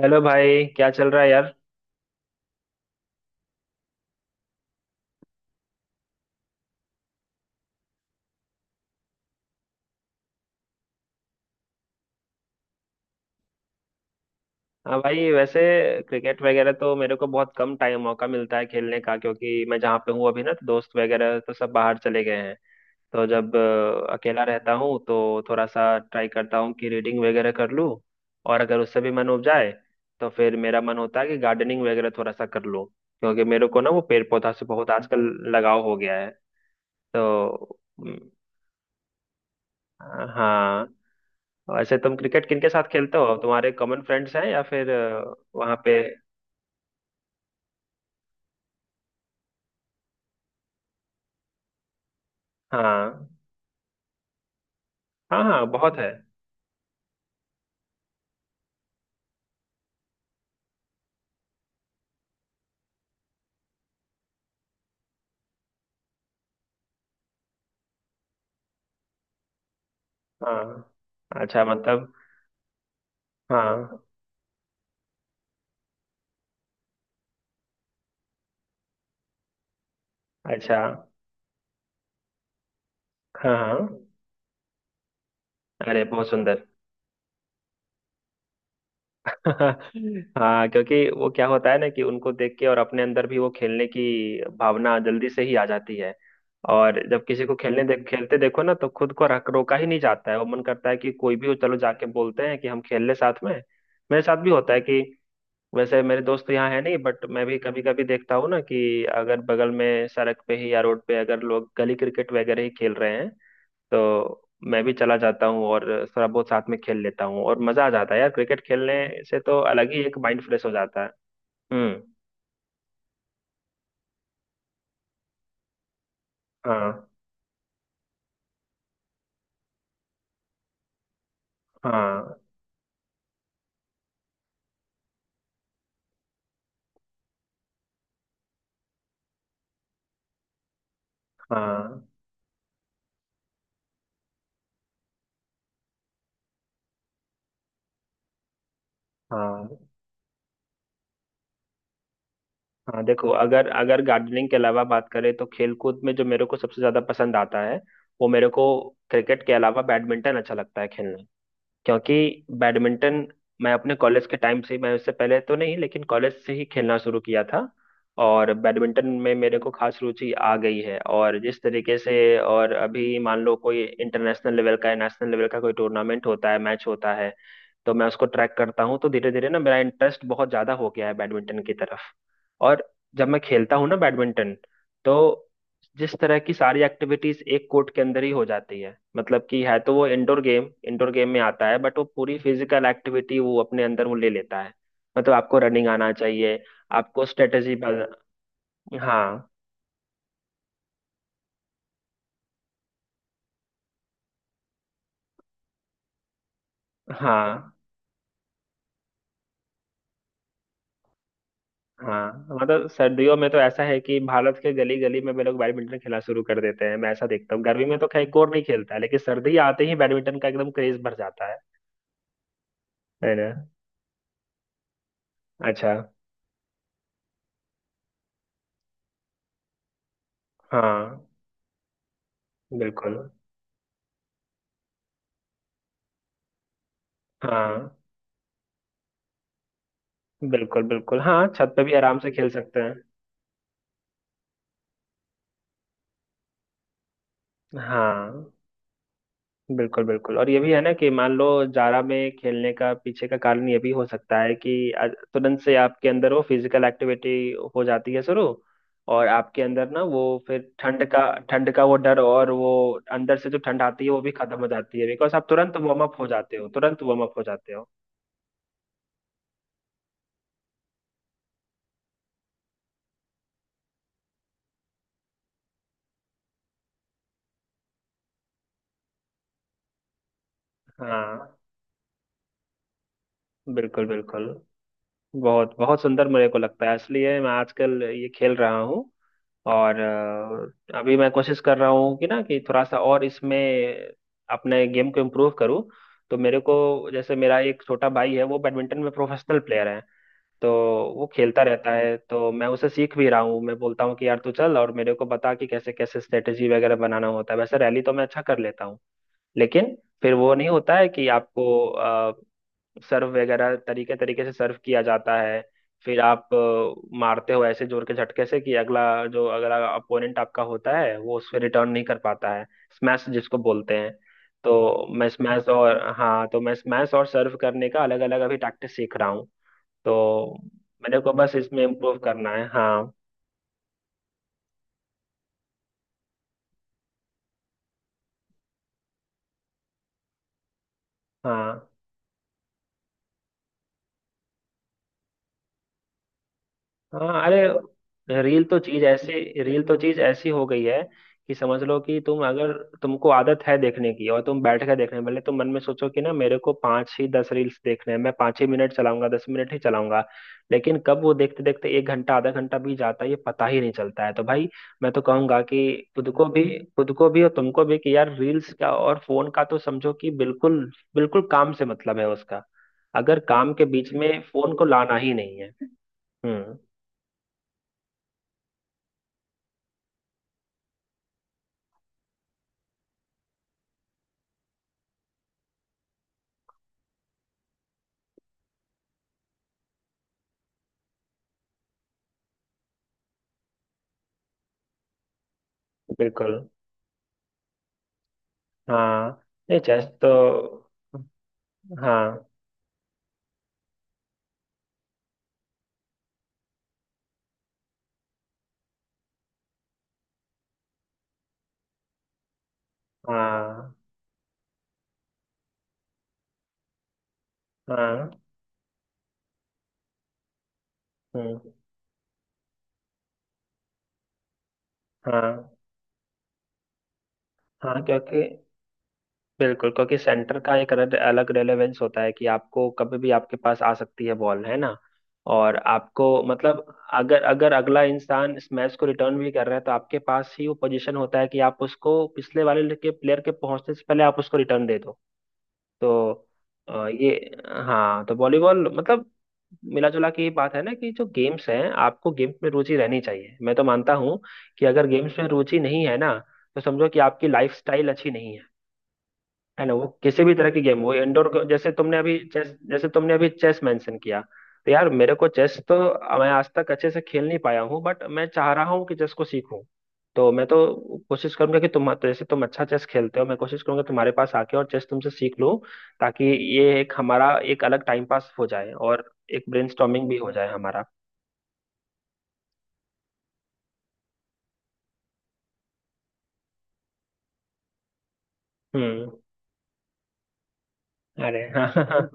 Hello भाई, क्या चल रहा है यार। हाँ भाई, वैसे क्रिकेट वगैरह तो मेरे को बहुत कम टाइम मौका मिलता है खेलने का, क्योंकि मैं जहाँ पे हूँ अभी ना, तो दोस्त वगैरह तो सब बाहर चले गए हैं। तो जब अकेला रहता हूँ तो थोड़ा सा ट्राई करता हूँ कि रीडिंग वगैरह कर लूँ। और अगर उससे भी मन उब जाए तो फिर मेरा मन होता है कि गार्डनिंग वगैरह थोड़ा सा कर लूँ, क्योंकि मेरे को ना वो पेड़ पौधा से बहुत आजकल लगाव हो गया है। तो हाँ, वैसे तुम क्रिकेट किनके साथ खेलते हो? तुम्हारे कॉमन फ्रेंड्स हैं या फिर वहाँ पे? हाँ हाँ, हाँ, बहुत है। हाँ, अच्छा, मतलब। हाँ, अच्छा। हाँ, हाँ। अरे, बहुत सुंदर। हाँ, क्योंकि वो क्या होता है ना कि उनको देख के और अपने अंदर भी वो खेलने की भावना जल्दी से ही आ जाती है। और जब किसी को खेलने देख खेलते देखो ना, तो खुद को रख रोका ही नहीं जाता है, वो मन करता है कि कोई भी हो चलो जाके बोलते हैं कि हम खेल ले साथ में। मेरे साथ भी होता है कि, वैसे मेरे दोस्त यहाँ है नहीं, बट मैं भी कभी कभी देखता हूँ ना कि अगर बगल में सड़क पे ही या रोड पे अगर लोग गली क्रिकेट वगैरह ही खेल रहे हैं, तो मैं भी चला जाता हूँ और थोड़ा बहुत साथ में खेल लेता हूँ, और मजा आ जाता है यार, क्रिकेट खेलने से तो अलग ही एक माइंड फ्रेश हो जाता है। हम्म। हाँ, हाँ, हाँ, हाँ। हाँ देखो, अगर अगर गार्डनिंग के अलावा बात करें, तो खेलकूद में जो मेरे को सबसे ज्यादा पसंद आता है, वो मेरे को क्रिकेट के अलावा बैडमिंटन अच्छा लगता है खेलना। क्योंकि बैडमिंटन मैं अपने कॉलेज के टाइम से, मैं उससे पहले तो नहीं, लेकिन कॉलेज से ही खेलना शुरू किया था। और बैडमिंटन में मेरे को खास रुचि आ गई है, और जिस तरीके से, और अभी मान लो कोई इंटरनेशनल लेवल का या नेशनल लेवल का कोई टूर्नामेंट होता है, मैच होता है, तो मैं उसको ट्रैक करता हूँ, तो धीरे धीरे ना मेरा इंटरेस्ट बहुत ज्यादा हो गया है बैडमिंटन की तरफ। और जब मैं खेलता हूँ ना बैडमिंटन, तो जिस तरह की सारी एक्टिविटीज एक कोर्ट के अंदर ही हो जाती है, मतलब कि है तो वो इंडोर गेम, इंडोर गेम में आता है, बट वो पूरी फिजिकल एक्टिविटी वो अपने अंदर वो ले लेता है। मतलब आपको रनिंग आना चाहिए, आपको स्ट्रेटेजी। हाँ, हाँ, हाँ, मतलब सर्दियों में तो ऐसा है कि भारत के गली गली में भी लोग बैडमिंटन खेलना शुरू कर देते हैं, मैं ऐसा देखता हूँ, गर्मी में तो खैर कोई नहीं खेलता है, लेकिन सर्दी आते ही बैडमिंटन का एकदम क्रेज भर जाता है। है ना? अच्छा। हाँ, बिल्कुल। हाँ, बिल्कुल बिल्कुल, हाँ छत पे भी आराम से खेल सकते हैं। हाँ, बिल्कुल बिल्कुल, और ये भी है ना कि मान लो, जारा में खेलने का पीछे का कारण ये भी हो सकता है कि तुरंत से आपके अंदर वो फिजिकल एक्टिविटी हो जाती है शुरू, और आपके अंदर ना वो फिर ठंड का, ठंड का वो डर, और वो अंदर से जो ठंड आती है वो भी खत्म हो जाती है, बिकॉज आप तुरंत वार्म अप हो जाते हो। हाँ, बिल्कुल बिल्कुल। बहुत बहुत सुंदर मेरे को लगता है, इसलिए मैं आजकल ये खेल रहा हूँ। और अभी मैं कोशिश कर रहा हूँ कि ना कि थोड़ा सा और इसमें अपने गेम को इम्प्रूव करूँ। तो मेरे को, जैसे मेरा एक छोटा भाई है, वो बैडमिंटन में प्रोफेशनल प्लेयर है, तो वो खेलता रहता है, तो मैं उसे सीख भी रहा हूँ, मैं बोलता हूँ कि यार तू चल और मेरे को बता कि कैसे कैसे स्ट्रेटेजी वगैरह बनाना होता है। वैसे रैली तो मैं अच्छा कर लेता हूँ, लेकिन फिर वो नहीं होता है कि आपको सर्व वगैरह तरीके तरीके से सर्व किया जाता है। फिर आप मारते हो ऐसे जोर के झटके से कि अगला, जो अगला अपोनेंट आपका होता है, वो उस पर रिटर्न नहीं कर पाता है, स्मैश जिसको बोलते हैं। तो मैं स्मैश और हाँ तो मैं स्मैश और सर्व करने का अलग अलग अभी टैक्टिस सीख रहा हूँ। तो मेरे को बस इसमें इम्प्रूव करना है। हाँ। हाँ, हाँ। अरे रील तो चीज ऐसी हो गई है कि समझ लो कि तुम अगर तुमको आदत है देखने की, और तुम बैठ कर देख रहे हो, भले तुम मन में सोचो कि ना मेरे को पांच ही 10 रील्स देखने हैं, मैं 5 ही मिनट चलाऊंगा, 10 मिनट ही चलाऊंगा, लेकिन कब वो देखते देखते 1 घंटा आधा घंटा भी जाता है ये पता ही नहीं चलता है। तो भाई मैं तो कहूंगा कि खुद को भी खुद को भी और तुमको भी कि यार, रील्स का और फोन का तो समझो कि बिल्कुल बिल्कुल काम से मतलब है उसका, अगर काम के बीच में फोन को लाना ही नहीं है। हम्म, बिल्कुल। हाँ, ये चेस तो। हाँ, हाँ, हाँ। हम्म, हाँ, हाँ, क्योंकि बिल्कुल, क्योंकि सेंटर का एक अलग अलग रेलेवेंस होता है कि आपको कभी भी आपके पास आ सकती है बॉल, है ना? और आपको मतलब, अगर अगर अगला इंसान इस मैच को रिटर्न भी कर रहा है, तो आपके पास ही वो पोजीशन होता है कि आप उसको पिछले वाले के प्लेयर के पहुंचने से पहले आप उसको रिटर्न दे दो। तो अ, ये हाँ, तो वॉलीबॉल मतलब मिला जुला के ये बात है ना, कि जो गेम्स हैं, आपको गेम्स में रुचि रहनी चाहिए, मैं तो मानता हूँ कि अगर गेम्स में रुचि नहीं है ना, तो समझो कि आपकी लाइफ स्टाइल अच्छी नहीं है। है ना, वो किसी भी तरह की गेम हो, इंडोर, जैसे तुमने अभी चेस मेंशन किया, तो यार मेरे को चेस तो मैं आज तक अच्छे से खेल नहीं पाया हूँ, बट मैं चाह रहा हूँ कि चेस को सीखूं। तो मैं तो कोशिश करूंगा कि, तुम तो जैसे तुम अच्छा चेस खेलते हो, मैं कोशिश करूंगा तुम्हारे पास आके और चेस तुमसे सीख लूं, ताकि ये एक हमारा एक अलग टाइम पास हो जाए, और एक ब्रेनस्टॉर्मिंग भी हो जाए हमारा। हम्म। अरे हाँ,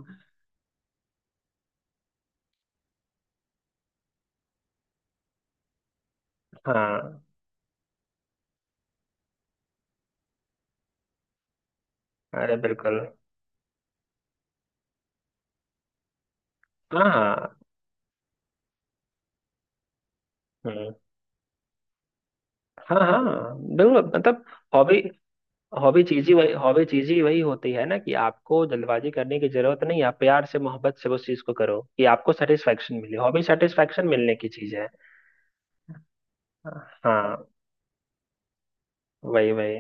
हाँ। अरे बिल्कुल। हाँ, हाँ। हम्म। हाँ, हाँ, बिल्कुल, मतलब हॉबी हॉबी चीज ही वही हॉबी चीज ही वही होती है ना, कि आपको जल्दबाजी करने की जरूरत नहीं, आप प्यार से, मोहब्बत से उस चीज को करो, कि आपको सेटिस्फेक्शन मिले, हॉबी सेटिस्फेक्शन मिलने की चीज है। हाँ, वही वही।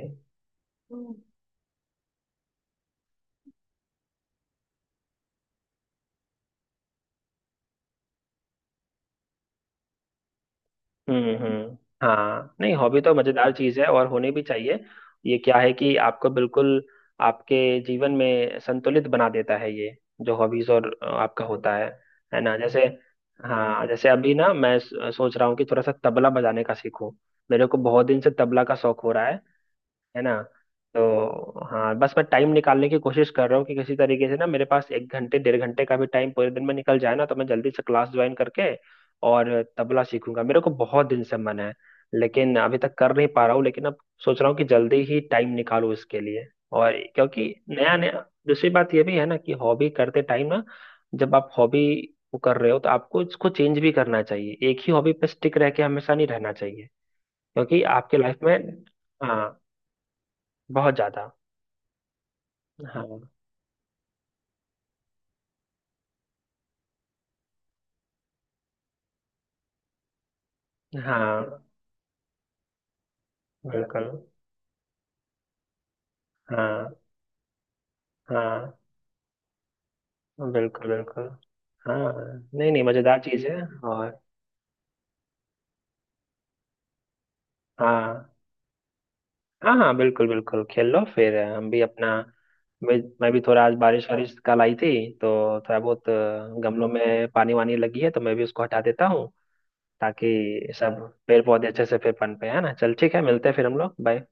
हम्म, हाँ, नहीं हॉबी तो मजेदार चीज है और होनी भी चाहिए। ये क्या है कि आपको बिल्कुल आपके जीवन में संतुलित बना देता है ये, जो हॉबीज और आपका होता है ना। जैसे हाँ, जैसे अभी ना मैं सोच रहा हूँ कि थोड़ा सा तबला बजाने का सीखूं, मेरे को बहुत दिन से तबला का शौक हो रहा है ना। तो हाँ, बस मैं टाइम निकालने की कोशिश कर रहा हूँ कि किसी तरीके से ना मेरे पास 1 घंटे डेढ़ घंटे का भी टाइम पूरे दिन में निकल जाए ना, तो मैं जल्दी से क्लास ज्वाइन करके और तबला सीखूंगा, मेरे को बहुत दिन से मन है, लेकिन अभी तक कर नहीं पा रहा हूँ, लेकिन अब सोच रहा हूँ कि जल्दी ही टाइम निकालूं इसके लिए। और क्योंकि नया नया, दूसरी बात ये भी है ना कि हॉबी करते टाइम ना, जब आप हॉबी को कर रहे हो, तो आपको इसको चेंज भी करना चाहिए, एक ही हॉबी पे स्टिक रह के हमेशा नहीं रहना चाहिए, क्योंकि आपके लाइफ में। हाँ, बहुत ज्यादा। हाँ, हाँ, बिल्कुल। हाँ, हाँ, बिल्कुल बिल्कुल। हाँ, नहीं नहीं, मजेदार चीज है। और हाँ, हाँ, हाँ, बिल्कुल बिल्कुल, खेल लो, फिर हम भी अपना, मैं भी थोड़ा आज बारिश वारिश कल आई थी तो थोड़ा बहुत गमलों में पानी वानी लगी है, तो मैं भी उसको हटा देता हूँ, ताकि सब पेड़ पौधे अच्छे से फिर पनपे, है ना। चल ठीक है, मिलते हैं फिर हम लोग, बाय।